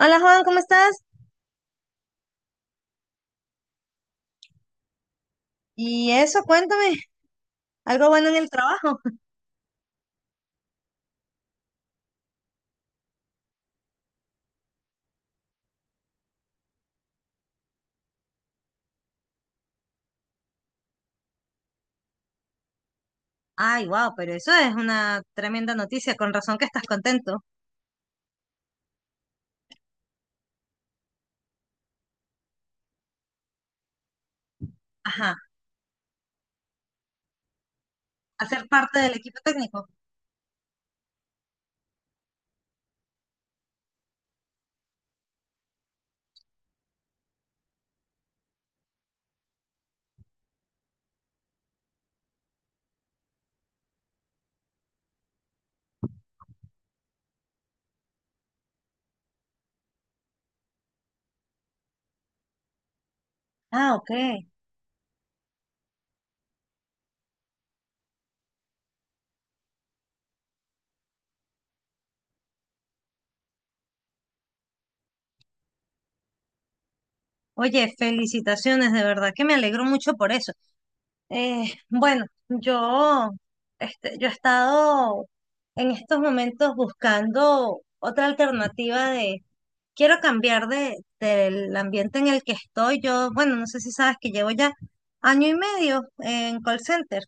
Hola Juan, ¿cómo estás? Y eso, cuéntame, algo bueno en el trabajo. Ay, wow, pero eso es una tremenda noticia, con razón que estás contento. Ajá, hacer parte del equipo técnico. Ah, ok. Oye, felicitaciones, de verdad que me alegro mucho por eso. Bueno, yo he estado en estos momentos buscando otra alternativa quiero cambiar del ambiente en el que estoy. Yo, bueno, no sé si sabes que llevo ya año y medio en call center.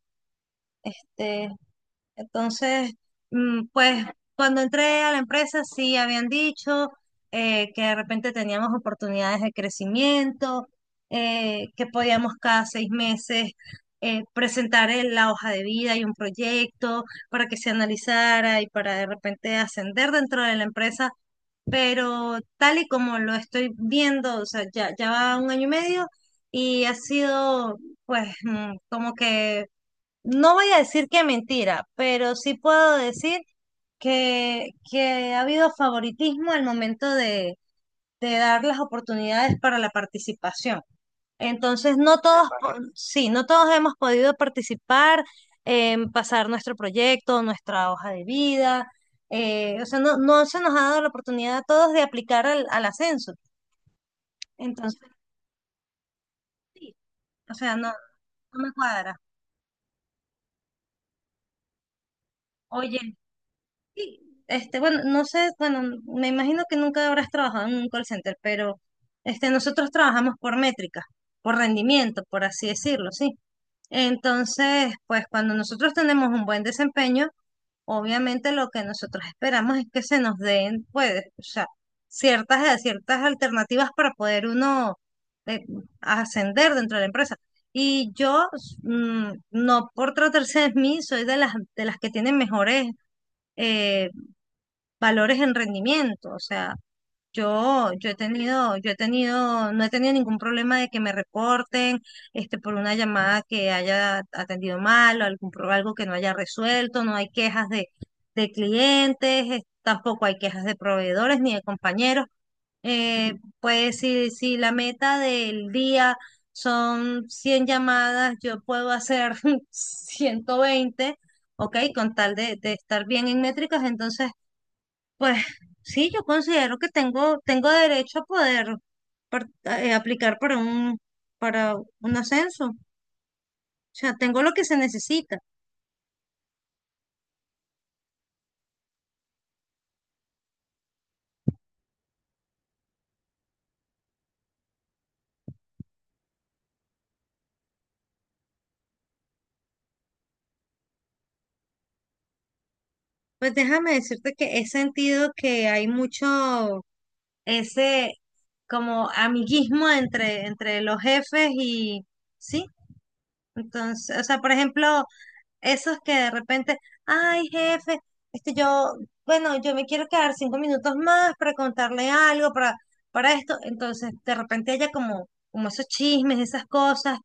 Este, entonces, pues cuando entré a la empresa sí habían dicho que de repente teníamos oportunidades de crecimiento, que podíamos cada 6 meses presentar la hoja de vida y un proyecto para que se analizara y para de repente ascender dentro de la empresa. Pero tal y como lo estoy viendo, o sea, ya va un año y medio y ha sido pues como que no voy a decir que mentira, pero sí puedo decir que ha habido favoritismo al momento de dar las oportunidades para la participación. Entonces, no todos, sí, no todos hemos podido participar, pasar nuestro proyecto, nuestra hoja de vida. O sea, no, no se nos ha dado la oportunidad a todos de aplicar al ascenso. Entonces, sí, o sea, no, no me cuadra. Oye. Sí, bueno, no sé, bueno, me imagino que nunca habrás trabajado en un call center, pero nosotros trabajamos por métricas, por rendimiento, por así decirlo, sí. Entonces, pues cuando nosotros tenemos un buen desempeño, obviamente lo que nosotros esperamos es que se nos den, pues, o sea, ciertas alternativas para poder uno eh, ascender dentro de la empresa. Y yo, no por tratarse de mí, soy de las que tienen mejores eh, valores en rendimiento. O sea, yo he tenido, no he tenido ningún problema de que me reporten, por una llamada que haya atendido mal, o algo que no haya resuelto, no hay quejas de clientes, tampoco hay quejas de proveedores ni de compañeros. Eh, pues si la meta del día son 100 llamadas, yo puedo hacer 120, ok, con tal de estar bien en métricas, entonces pues sí, yo considero que tengo derecho a poder aplicar para un ascenso. O sea, tengo lo que se necesita. Pues déjame decirte que he sentido que hay mucho ese como amiguismo entre los jefes y sí. Entonces, o sea, por ejemplo, esos que de repente, ay, jefe, este yo, bueno, yo me quiero quedar 5 minutos más para contarle algo, para esto. Entonces, de repente haya como esos chismes, esas cosas.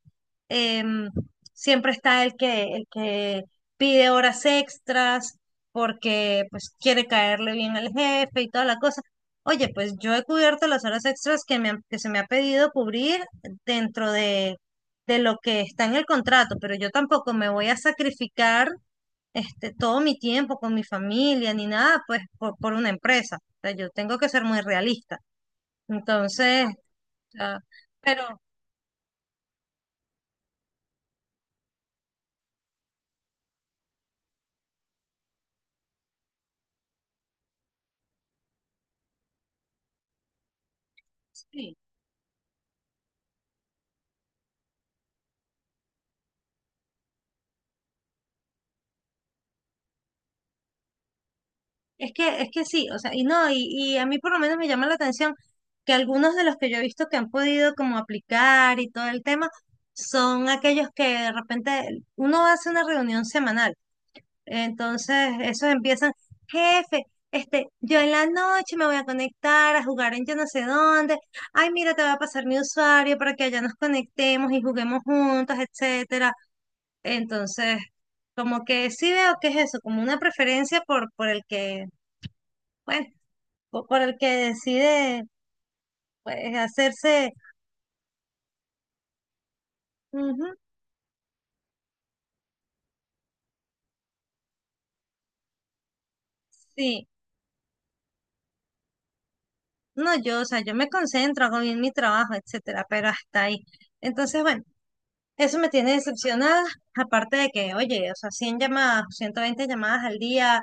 Em, Siempre está el que pide horas extras porque pues quiere caerle bien al jefe y toda la cosa. Oye, pues yo he cubierto las horas extras que se me ha pedido cubrir dentro de lo que está en el contrato, pero yo tampoco me voy a sacrificar todo mi tiempo con mi familia ni nada, pues por una empresa. O sea, yo tengo que ser muy realista. Entonces, ah, pero sí, es que sí, o sea, y no, y a mí por lo menos me llama la atención que algunos de los que yo he visto que han podido como aplicar y todo el tema son aquellos que de repente uno hace una reunión semanal. Entonces, esos empiezan, jefe, yo en la noche me voy a conectar a jugar en yo no sé dónde. Ay, mira, te voy a pasar mi usuario para que allá nos conectemos y juguemos juntos, etcétera. Entonces, como que sí veo que es eso, como una preferencia por el que, bueno, por el que decide, pues, hacerse, ujú, sí. No, yo, o sea, yo me concentro, hago bien mi trabajo, etcétera, pero hasta ahí. Entonces, bueno. Eso me tiene decepcionada, aparte de que, oye, o sea, 100 llamadas, 120 llamadas al día,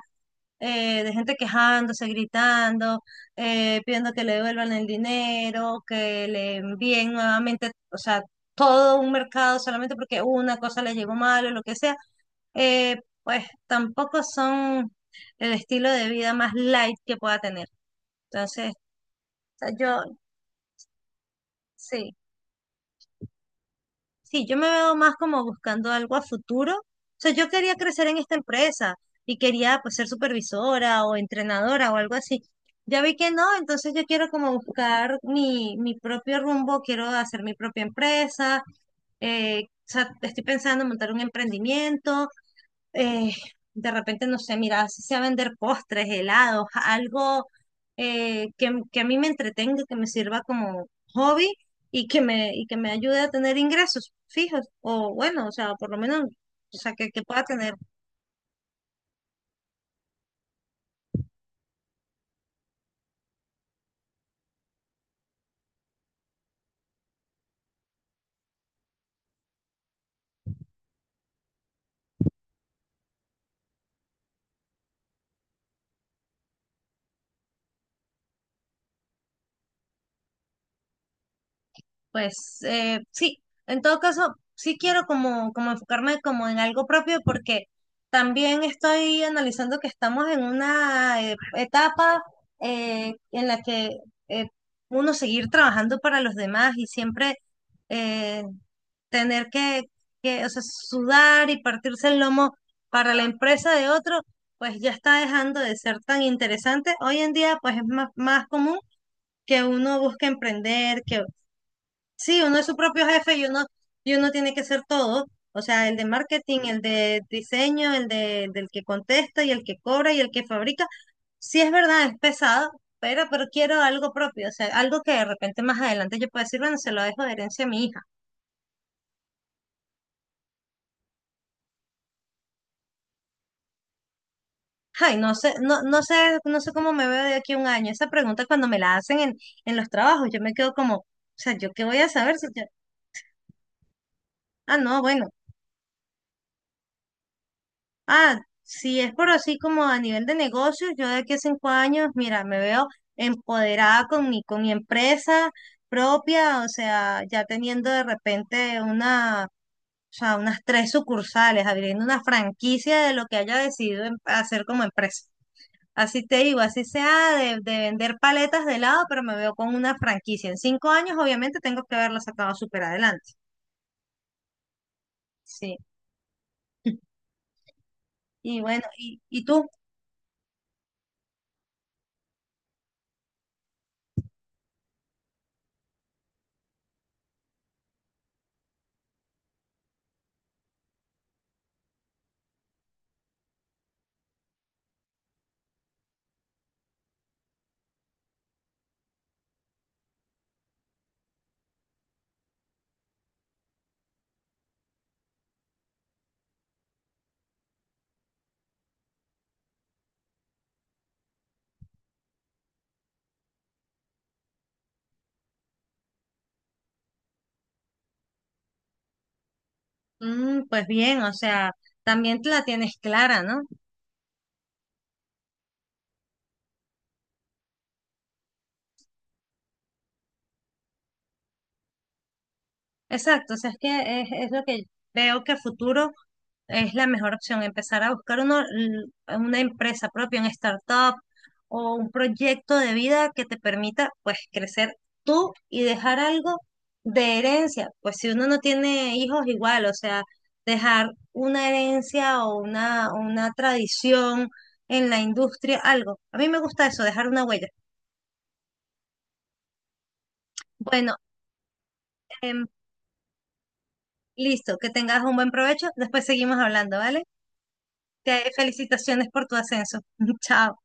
de gente quejándose, gritando, pidiendo que le devuelvan el dinero, que le envíen nuevamente, o sea, todo un mercado solamente porque una cosa le llegó mal o lo que sea, eh, pues tampoco son el estilo de vida más light que pueda tener. Entonces, o sea, yo, sí, sí, yo me veo más como buscando algo a futuro. O sea, yo quería crecer en esta empresa y quería pues ser supervisora o entrenadora o algo así. Ya vi que no, entonces yo quiero como buscar mi propio rumbo, quiero hacer mi propia empresa. O sea, estoy pensando en montar un emprendimiento eh, de repente, no sé, mira, si sea vender postres, helados, algo que a mí me entretenga, que me sirva como hobby y que me ayude a tener ingresos fijos, o bueno, o sea, por lo menos, o sea, que pueda tener. Pues sí, en todo caso, sí quiero como enfocarme como en algo propio porque también estoy analizando que estamos en una etapa en la que eh, uno seguir trabajando para los demás y siempre eh, tener que, o sea, sudar y partirse el lomo para la empresa de otro, pues ya está dejando de ser tan interesante. Hoy en día, pues es más, más común que uno busque emprender, que Sí, uno es su propio jefe y uno tiene que ser todo. O sea, el de marketing, el de diseño, del que contesta y el que cobra y el que fabrica. Sí es verdad, es pesado, pero quiero algo propio. O sea, algo que de repente más adelante yo pueda decir, bueno, se lo dejo de herencia a mi hija. Ay, no sé cómo me veo de aquí a un año. Esa pregunta cuando me la hacen en los trabajos, yo me quedo como, o sea, ¿yo qué voy a saber si yo? No, bueno. Si es por así como a nivel de negocios, yo de aquí a 5 años, mira, me veo empoderada con con mi empresa propia, o sea, ya teniendo de repente una, o sea, unas tres sucursales, abriendo una franquicia de lo que haya decidido hacer como empresa. Así te digo, así sea de vender paletas de helado, pero me veo con una franquicia. En 5 años, obviamente, tengo que haberla sacado súper adelante. Sí. Y bueno, ¿y tú? Pues bien, o sea, también te la tienes clara, ¿no? Exacto, o sea, es que es lo que veo que a futuro es la mejor opción, empezar a buscar uno, una empresa propia, un startup o un proyecto de vida que te permita, pues, crecer tú y dejar algo de herencia. Pues si uno no tiene hijos, igual, o sea, dejar una herencia o una tradición en la industria, algo. A mí me gusta eso, dejar una huella. Bueno. em, Listo, que tengas un buen provecho. Después seguimos hablando, ¿vale? Te felicitaciones por tu ascenso. Chao.